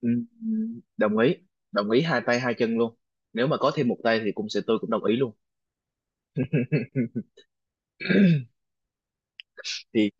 Ừm, Đồng ý, đồng ý hai tay hai chân luôn. Nếu mà có thêm một tay thì cũng sẽ tôi cũng đồng ý luôn. thì,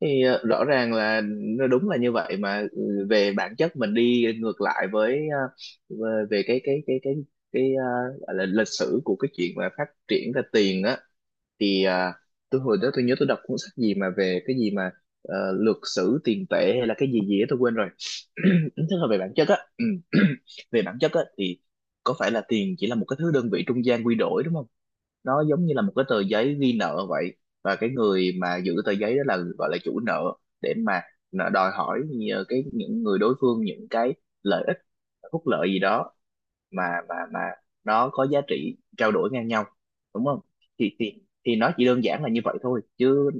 thì rõ ràng là nó đúng là như vậy mà, về bản chất mình đi ngược lại với, về về cái gọi là lịch sử của cái chuyện mà phát triển ra tiền á. Thì tôi hồi đó tôi nhớ tôi đọc cuốn sách gì mà về cái gì mà, luật sử tiền tệ hay là cái gì gì đó tôi quên rồi. Tức là về bản chất á, về bản chất á thì có phải là tiền chỉ là một cái thứ đơn vị trung gian quy đổi, đúng không? Nó giống như là một cái tờ giấy ghi nợ vậy. Và cái người mà giữ tờ giấy đó là gọi là chủ nợ, để mà nợ đòi hỏi nhờ cái những người đối phương những cái lợi ích, phúc lợi gì đó mà nó có giá trị trao đổi ngang nhau, đúng không? Thì thì thì nó chỉ đơn giản là như vậy thôi, chứ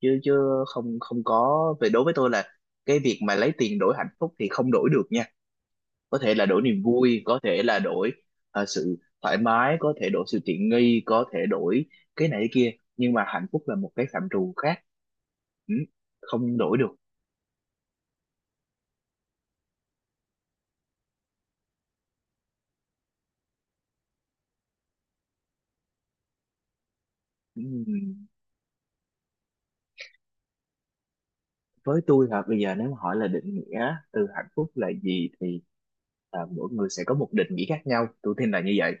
chứ chứ không không có. Về đối với tôi là cái việc mà lấy tiền đổi hạnh phúc thì không đổi được nha. Có thể là đổi niềm vui, có thể là đổi, sự thoải mái, có thể đổi sự tiện nghi, có thể đổi cái này cái kia, nhưng mà hạnh phúc là một cái phạm trù khác. Ừ, không đổi được. Ừ, với tôi là bây giờ nếu mà hỏi là định nghĩa từ hạnh phúc là gì thì, mỗi người sẽ có một định nghĩa khác nhau, tôi tin là như vậy.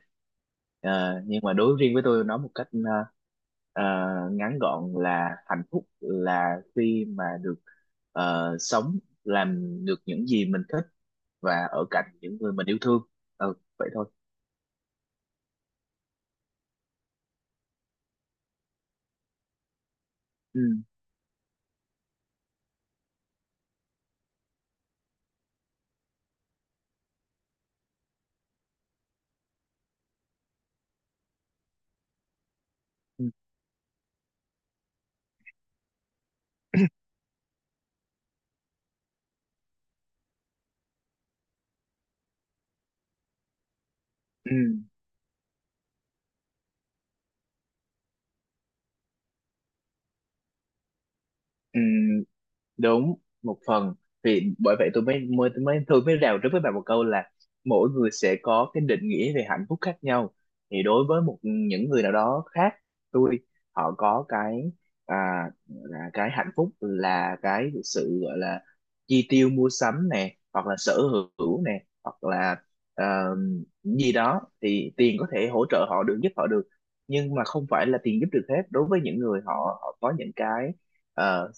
Ờ, nhưng mà đối riêng với tôi nói một cách, ờ, ngắn gọn là hạnh phúc là khi mà được, sống làm được những gì mình thích và ở cạnh những người mình yêu thương. Ừ, vậy thôi. Ừ, ừ, ừ, ừ. Đúng, một phần. Vì bởi vậy tôi mới mới tôi mới tôi mới rào trước với bạn một câu là mỗi người sẽ có cái định nghĩa về hạnh phúc khác nhau. Thì đối với một những người nào đó khác, tôi, họ có cái, à, là cái hạnh phúc là cái sự gọi là chi tiêu mua sắm nè, hoặc là sở hữu nè, hoặc là, ờ, gì đó, thì tiền có thể hỗ trợ họ được, giúp họ được. Nhưng mà không phải là tiền giúp được hết. Đối với những người họ, có những cái, ờ,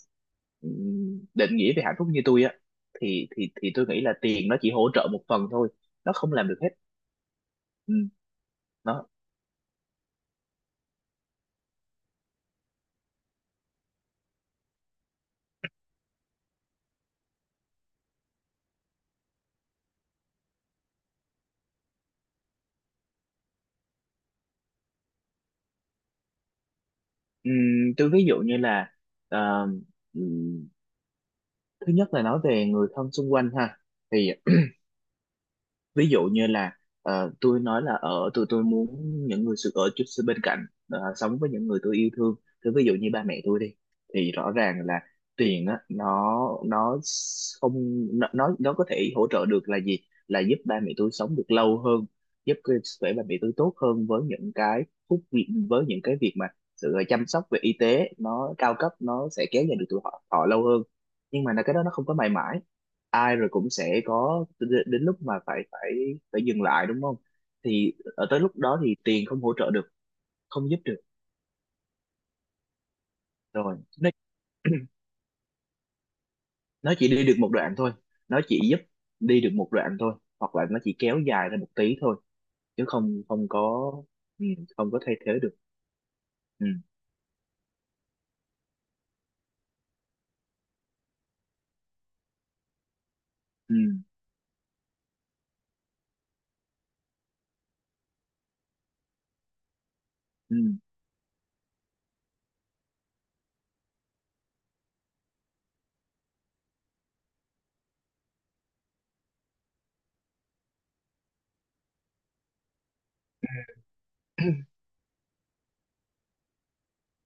định nghĩa về hạnh phúc như tôi á, thì tôi nghĩ là tiền nó chỉ hỗ trợ một phần thôi, nó không làm được hết. Ừ, đó. Ừ, tôi ví dụ như là, ờ, ừ, thứ nhất là nói về người thân xung quanh ha. Thì ví dụ như là, tôi nói là ở, tôi muốn những người sự ở chút xíu bên cạnh, sống với những người tôi yêu thương. Thì ví dụ như ba mẹ tôi đi, thì rõ ràng là tiền á, nó không nó nó có thể hỗ trợ được là gì, là giúp ba mẹ tôi sống được lâu hơn, giúp cái sức khỏe ba mẹ tôi tốt hơn. Với những cái với những cái việc mà sự chăm sóc về y tế nó cao cấp, nó sẽ kéo dài được tuổi họ lâu hơn. Nhưng mà là cái đó nó không có mãi mãi. Ai rồi cũng sẽ có đến lúc mà phải, phải dừng lại, đúng không? Thì ở tới lúc đó thì tiền không hỗ trợ được, không giúp được. Rồi nó nó chỉ đi được một đoạn thôi, nó chỉ giúp đi được một đoạn thôi, hoặc là nó chỉ kéo dài ra một tí thôi, chứ không không có. ừ, Không có thay thế được. Ừ, ừ, ừ,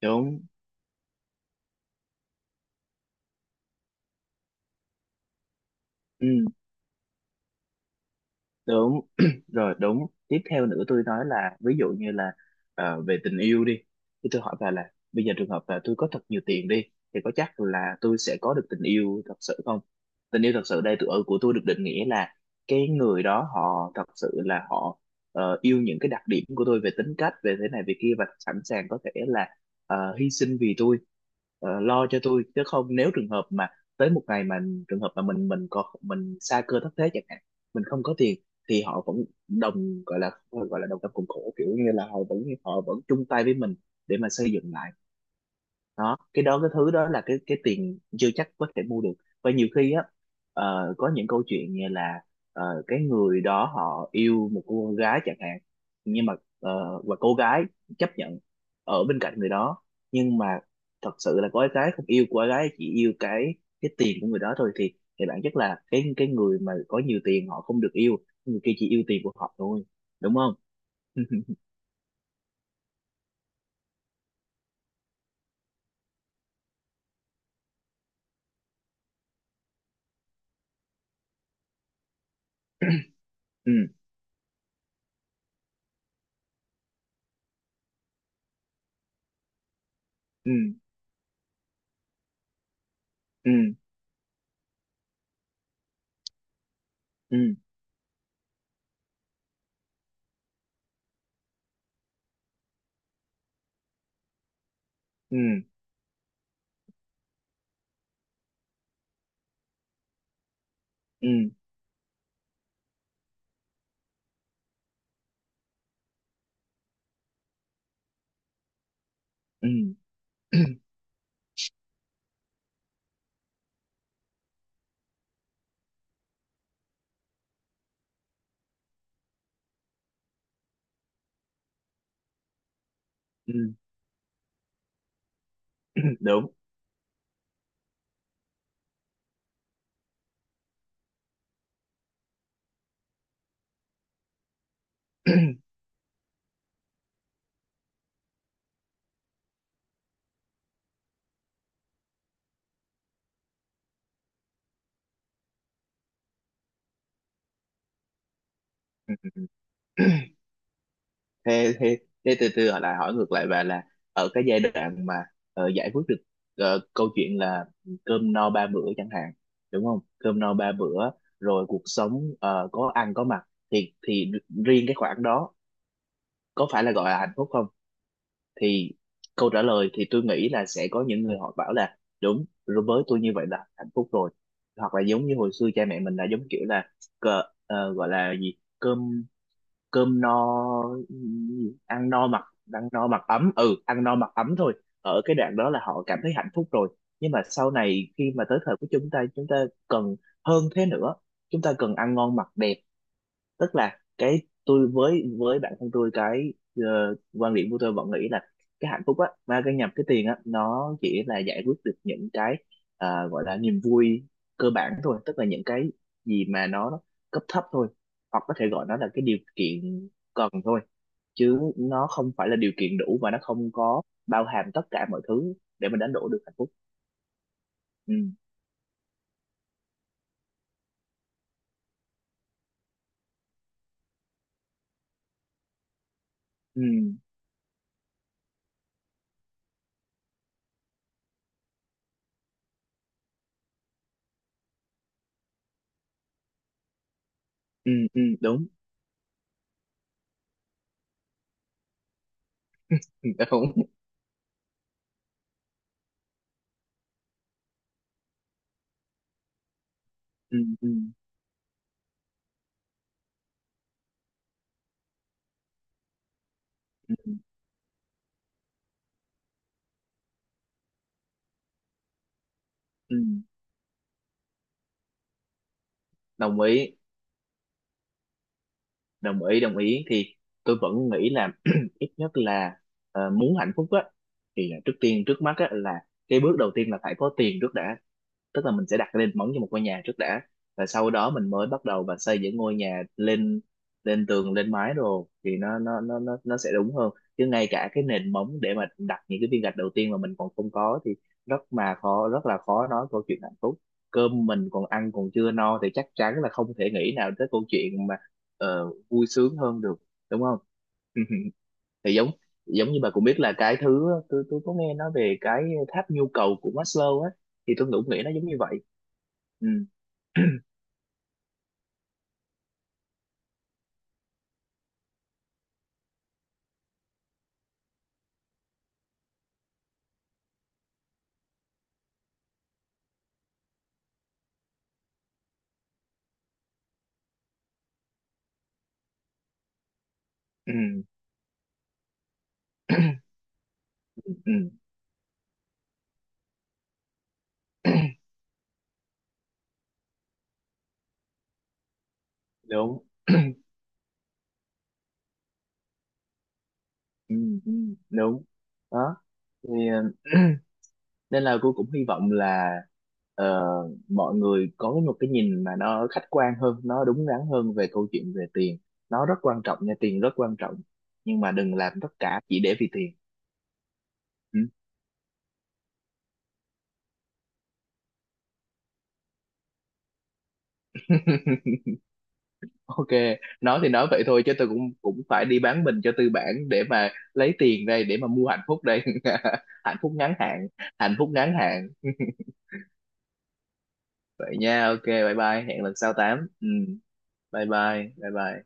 đúng. Ừ. Đúng. Rồi. Đúng, tiếp theo nữa tôi nói là ví dụ như là, về tình yêu đi. Thì tôi hỏi bà là bây giờ trường hợp là tôi có thật nhiều tiền đi, thì có chắc là tôi sẽ có được tình yêu thật sự không? Tình yêu thật sự đây tôi, ở của tôi được định nghĩa là cái người đó họ thật sự là họ, yêu những cái đặc điểm của tôi, về tính cách, về thế này về kia, và sẵn sàng có thể là, hy sinh vì tôi, lo cho tôi. Chứ không, nếu trường hợp mà tới một ngày mà trường hợp mà mình có mình sa cơ thất thế chẳng hạn, mình không có tiền, thì họ vẫn đồng, gọi là, đồng tâm cùng khổ, kiểu như là họ vẫn chung tay với mình để mà xây dựng lại. Đó, cái đó, cái thứ đó là cái, tiền chưa chắc có thể mua được. Và nhiều khi á, có những câu chuyện như là, cái người đó họ yêu một cô gái chẳng hạn, nhưng mà, và cô gái chấp nhận ở bên cạnh người đó, nhưng mà thật sự là cô gái không yêu, cô gái chỉ yêu cái, tiền của người đó thôi. Thì bản chất là cái người mà có nhiều tiền họ không được yêu, người kia chỉ yêu tiền của họ thôi, đúng không? Ừ, ừ, ừ, ừ, ừ, ừ, ừ, ừ. Ừ, đúng. Ừ. thế thế Thế, từ từ, hỏi lại, ngược lại bà là, ở cái giai đoạn mà, giải quyết được, câu chuyện là cơm no ba bữa chẳng hạn, đúng không? Cơm no ba bữa rồi, cuộc sống, có ăn có mặc, thì riêng cái khoản đó có phải là gọi là hạnh phúc không? Thì câu trả lời thì tôi nghĩ là sẽ có những người họ bảo là đúng rồi, với tôi như vậy là hạnh phúc rồi. Hoặc là giống như hồi xưa cha mẹ mình là giống kiểu là, gọi là gì, cơm, cơm no ăn no mặc, ăn no mặc ấm ừ ăn no mặc ấm thôi. Ở cái đoạn đó là họ cảm thấy hạnh phúc rồi. Nhưng mà sau này khi mà tới thời của chúng ta, chúng ta cần hơn thế nữa, chúng ta cần ăn ngon mặc đẹp. Tức là cái tôi, với bản thân tôi, cái, quan điểm của tôi vẫn nghĩ là cái hạnh phúc á mà cái nhập cái tiền á, nó chỉ là giải quyết được những cái, gọi là niềm vui cơ bản thôi, tức là những cái gì mà nó cấp thấp thôi. Hoặc có thể gọi nó là cái điều kiện cần thôi, chứ nó không phải là điều kiện đủ, và nó không có bao hàm tất cả mọi thứ để mình đánh đổi được hạnh phúc. Ừ, ừ, ừ, ừ, đúng. Đúng. Ừ, ừ, ừ, ừ. Đồng ý, đồng ý đồng ý. Thì tôi vẫn nghĩ là, ít nhất là, muốn hạnh phúc á thì là trước tiên, trước mắt á, là cái bước đầu tiên là phải có tiền trước đã. Tức là mình sẽ đặt nền móng cho một ngôi nhà trước đã, và sau đó mình mới bắt đầu và xây những ngôi nhà lên, lên tường lên mái, rồi thì nó sẽ đúng hơn. Chứ ngay cả cái nền móng để mà đặt những cái viên gạch đầu tiên mà mình còn không có thì rất là khó nói câu chuyện hạnh phúc. Cơm mình còn ăn còn chưa no thì chắc chắn là không thể nghĩ nào tới câu chuyện mà, vui sướng hơn được, đúng không? Thì giống giống như bà cũng biết là cái thứ, tôi có nghe nói về cái tháp nhu cầu của Maslow á, thì tôi cũng nghĩ nó giống như vậy. Ừ, ừ, ừ, đúng. Ừ. Ừ. Đúng, đó. Thì, nên là cô cũng hy vọng là, ờ, mọi người có một cái nhìn mà nó khách quan hơn, nó đúng đắn hơn về câu chuyện về tiền. Nó rất quan trọng nha, tiền rất quan trọng, nhưng mà đừng làm tất cả chỉ để vì tiền. Ừ. Ok, nói thì nói vậy thôi, chứ tôi cũng cũng phải đi bán mình cho tư bản để mà lấy tiền đây, để mà mua hạnh phúc đây. Hạnh phúc ngắn hạn, hạnh phúc ngắn hạn. Vậy nha, ok, bye bye, hẹn lần sau tám. Ừ, bye bye, bye bye.